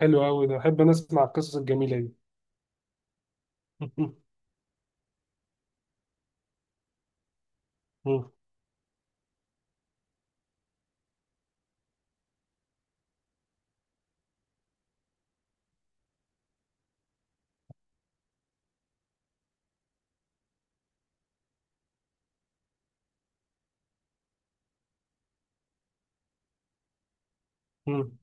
حلو قوي ده، بحب انا اسمع القصص الجميله دي. مم. مم. مم.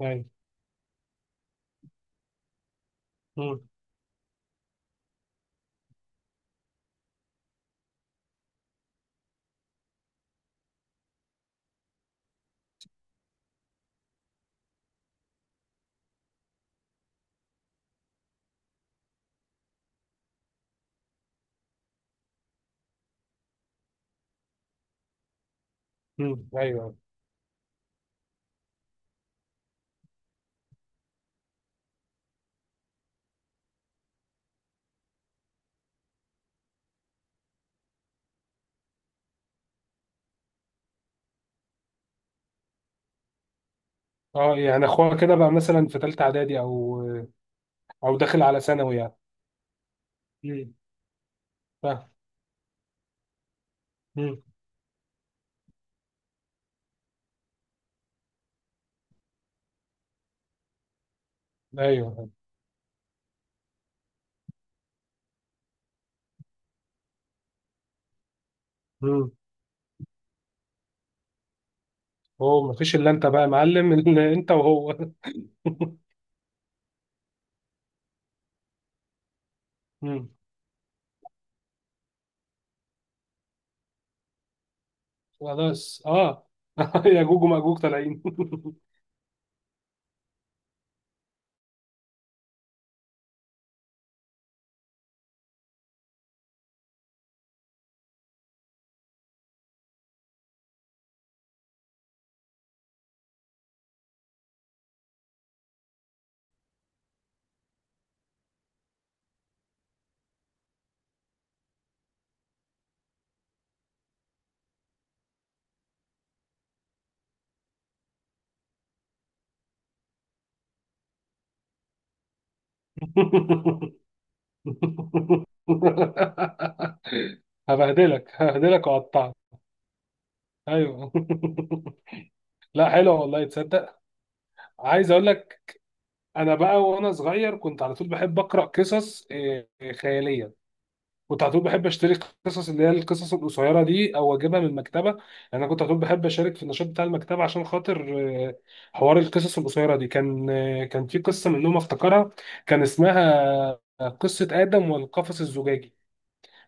ايوه. مم. مم. ايوه. اه، يعني اخوها كده بقى مثلا في ثالثه اعدادي او او داخل على ثانوي يعني. مم. فاهم. مم. ايوه. مم. هو ما فيش الا انت بقى يا معلم؟ إلا انت وهو. مم. خلاص اه. يا جوج وماجوج طالعين. هبهدلك هبهدلك واقطعك. ايوه. لا حلو والله، تصدق. عايز اقول لك، انا بقى وانا صغير كنت على طول بحب اقرا قصص خياليه. كنت على طول بحب اشتري قصص اللي هي القصص القصيره دي او اجيبها من المكتبه يعني. انا كنت على طول بحب اشارك في النشاط بتاع المكتبه عشان خاطر آه، حوار القصص القصيره دي. كان كان في قصه منهم افتكرها، كان اسمها قصه ادم والقفص الزجاجي.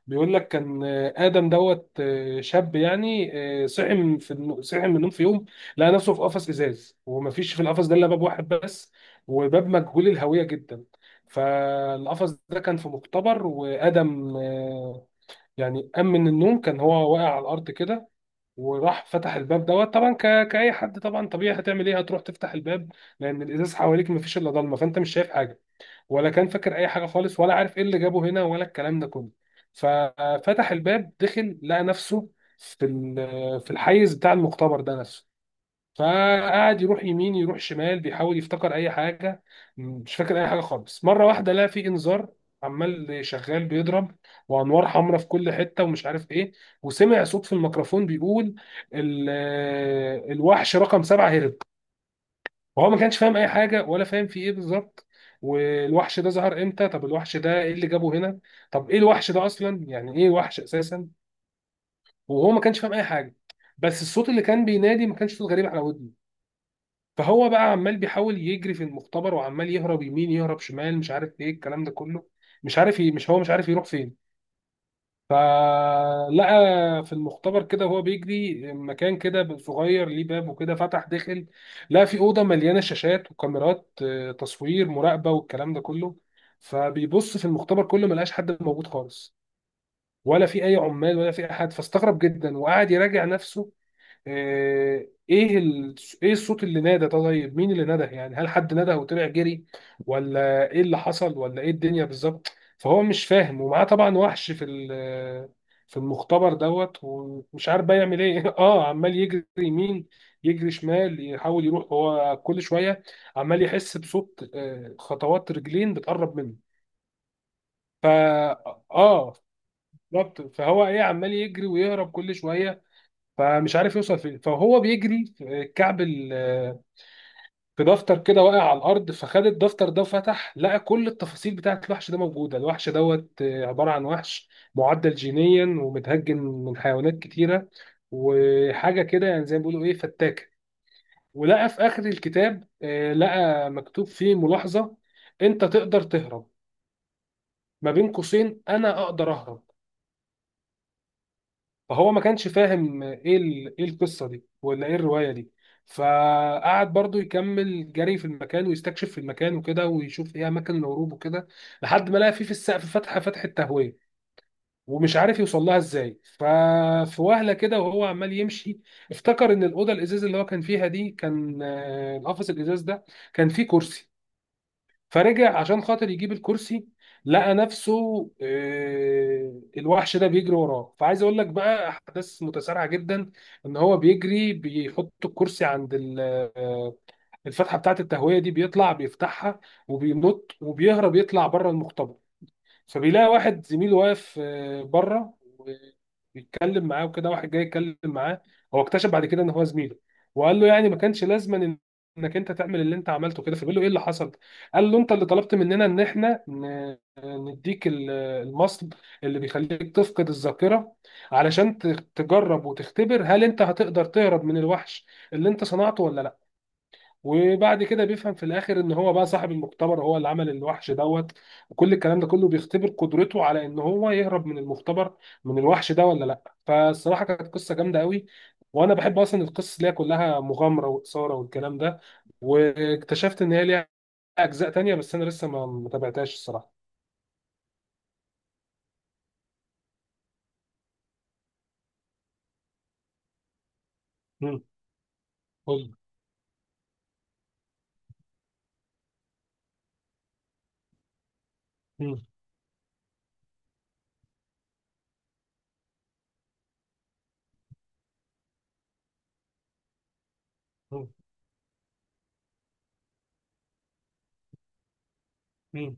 بيقول لك، كان آدم دوت شاب يعني، صحي من النوم في يوم، لقى نفسه في قفص إزاز، ومفيش في القفص ده إلا باب واحد بس، وباب مجهول الهوية جدا. فالقفص ده كان في مختبر، وآدم يعني قام من النوم، كان هو واقع على الأرض كده، وراح فتح الباب دوت طبعا، كأي حد طبعا طبيعي، هتعمل إيه؟ هتروح تفتح الباب، لأن الإزاز حواليك مفيش إلا ضلمة، فأنت مش شايف حاجة، ولا كان فاكر اي حاجه خالص، ولا عارف ايه اللي جابه هنا، ولا الكلام ده كله. ففتح الباب دخل، لقى نفسه في في الحيز بتاع المختبر ده نفسه. فقعد يروح يمين يروح شمال، بيحاول يفتكر اي حاجه، مش فاكر اي حاجه خالص. مره واحده لقى في انذار عمال شغال بيضرب، وانوار حمراء في كل حته، ومش عارف ايه. وسمع صوت في الميكروفون بيقول ال- الوحش رقم 7 هرب. وهو ما كانش فاهم اي حاجه، ولا فاهم في ايه بالظبط، والوحش ده ظهر امتى؟ طب الوحش ده ايه اللي جابه هنا؟ طب ايه الوحش ده اصلا؟ يعني ايه وحش اساسا؟ وهو ما كانش فاهم اي حاجه، بس الصوت اللي كان بينادي ما كانش صوت غريب على ودني. فهو بقى عمال بيحاول يجري في المختبر، وعمال يهرب يمين يهرب شمال، مش عارف ايه الكلام ده كله، مش عارف مش عارف يروح فين. فلقى في المختبر كده وهو بيجري مكان كده صغير ليه باب وكده، فتح دخل، لقى في أوضة مليانة شاشات وكاميرات تصوير مراقبة والكلام ده كله. فبيبص في المختبر كله، ملقاش حد موجود خالص، ولا في أي عمال، ولا في أحد. فاستغرب جدا وقعد يراجع نفسه: آه، ايه ال... ايه الصوت اللي نادى؟ طيب مين اللي نادى يعني؟ هل حد نادى وطلع جري؟ ولا ايه اللي حصل؟ ولا ايه الدنيا بالظبط؟ فهو مش فاهم، ومعاه طبعا وحش في في المختبر دوت، ومش عارف بقى يعمل ايه. اه، عمال يجري يمين يجري شمال، يحاول يروح هو كل شويه. عمال يحس بصوت خطوات رجلين بتقرب منه. فا اه بالظبط. فهو ايه، عمال يجري ويهرب كل شويه، فمش عارف يوصل فين. فهو بيجري في الكعب في دفتر كده واقع على الارض، فخد الدفتر ده وفتح، لقى كل التفاصيل بتاعت الوحش ده موجوده. الوحش دوت عباره عن وحش معدل جينيا ومتهجن من حيوانات كتيره، وحاجه كده يعني زي ما بيقولوا ايه، فتاكه. ولقى في اخر الكتاب لقى مكتوب فيه ملاحظه: انت تقدر تهرب، ما بين قوسين: انا اقدر اهرب. فهو ما كانش فاهم ايه ايه القصه دي ولا ايه الروايه دي. فقعد برضو يكمل جري في المكان، ويستكشف في المكان وكده، ويشوف ايه اماكن الهروب وكده، لحد ما لقى فيه في السقف فتحه، فتحه تهويه، ومش عارف يوصل لها ازاي. ففي وهله كده وهو عمال يمشي، افتكر ان الاوضه الازاز اللي هو كان فيها دي، كان القفص الازاز ده كان فيه كرسي. فرجع عشان خاطر يجيب الكرسي، لقى نفسه الوحش ده بيجري وراه. فعايز اقول لك بقى احداث متسارعه جدا، ان هو بيجري بيحط الكرسي عند آه، الفتحه بتاعه التهويه دي، بيطلع بيفتحها، وبينط وبيهرب، يطلع بره المختبر. فبيلاقي واحد زميله واقف بره، وبيتكلم معاه وكده، واحد جاي يتكلم معاه. هو اكتشف بعد كده ان هو زميله. وقال له يعني، ما كانش لازما انك انت تعمل اللي انت عملته كده. فبيقول له ايه اللي حصل، قال له: انت اللي طلبت مننا ان احنا نديك المصل اللي بيخليك تفقد الذاكره علشان تجرب وتختبر هل انت هتقدر تهرب من الوحش اللي انت صنعته ولا لا. وبعد كده بيفهم في الاخر ان هو بقى صاحب المختبر، هو اللي عمل الوحش دوت، وكل الكلام ده كله بيختبر قدرته على ان هو يهرب من المختبر، من الوحش ده ولا لا. فالصراحه كانت قصه جامده قوي. وانا بحب اصلا القصص اللي هي كلها مغامره واثاره والكلام ده. واكتشفت ان هي ليها اجزاء تانية، بس انا لسه ما تابعتهاش الصراحه. مم. قول. مم. مم. مم.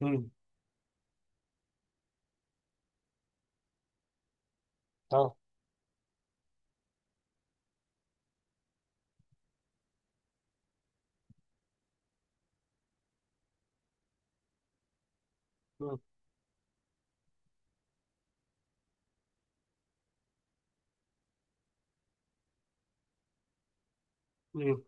مم. اه. مم. مم.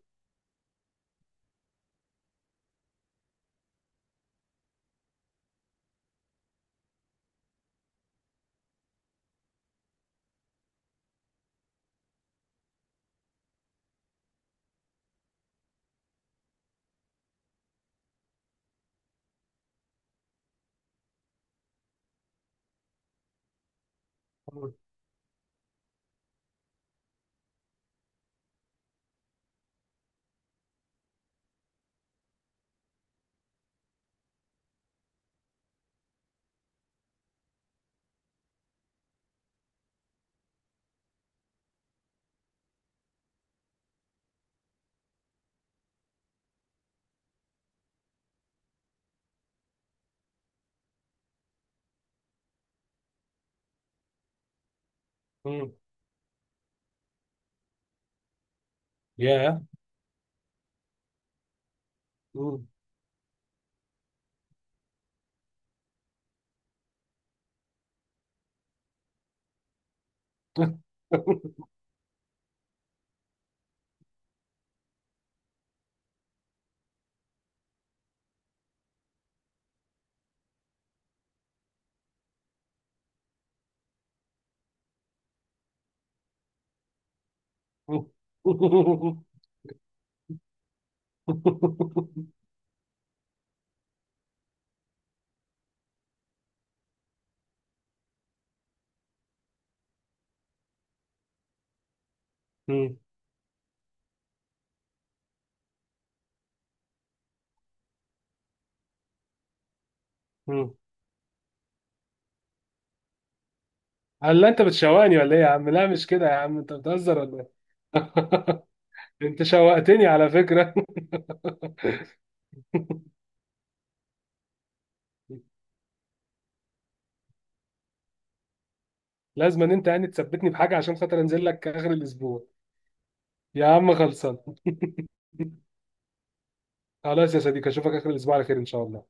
مم. مم. ياه. مم. مم. مم. هل انت بتشوقني ولا ايه يا عم؟ لا مش كده يا عم، انت بتهزر ولا ايه؟ انت شوقتني على فكرة. لازم ان انت يعني تثبتني بحاجة عشان خاطر انزل لك اخر الاسبوع. يا عم خلصان. خلاص يا صديقي، اشوفك اخر الاسبوع على خير ان شاء الله.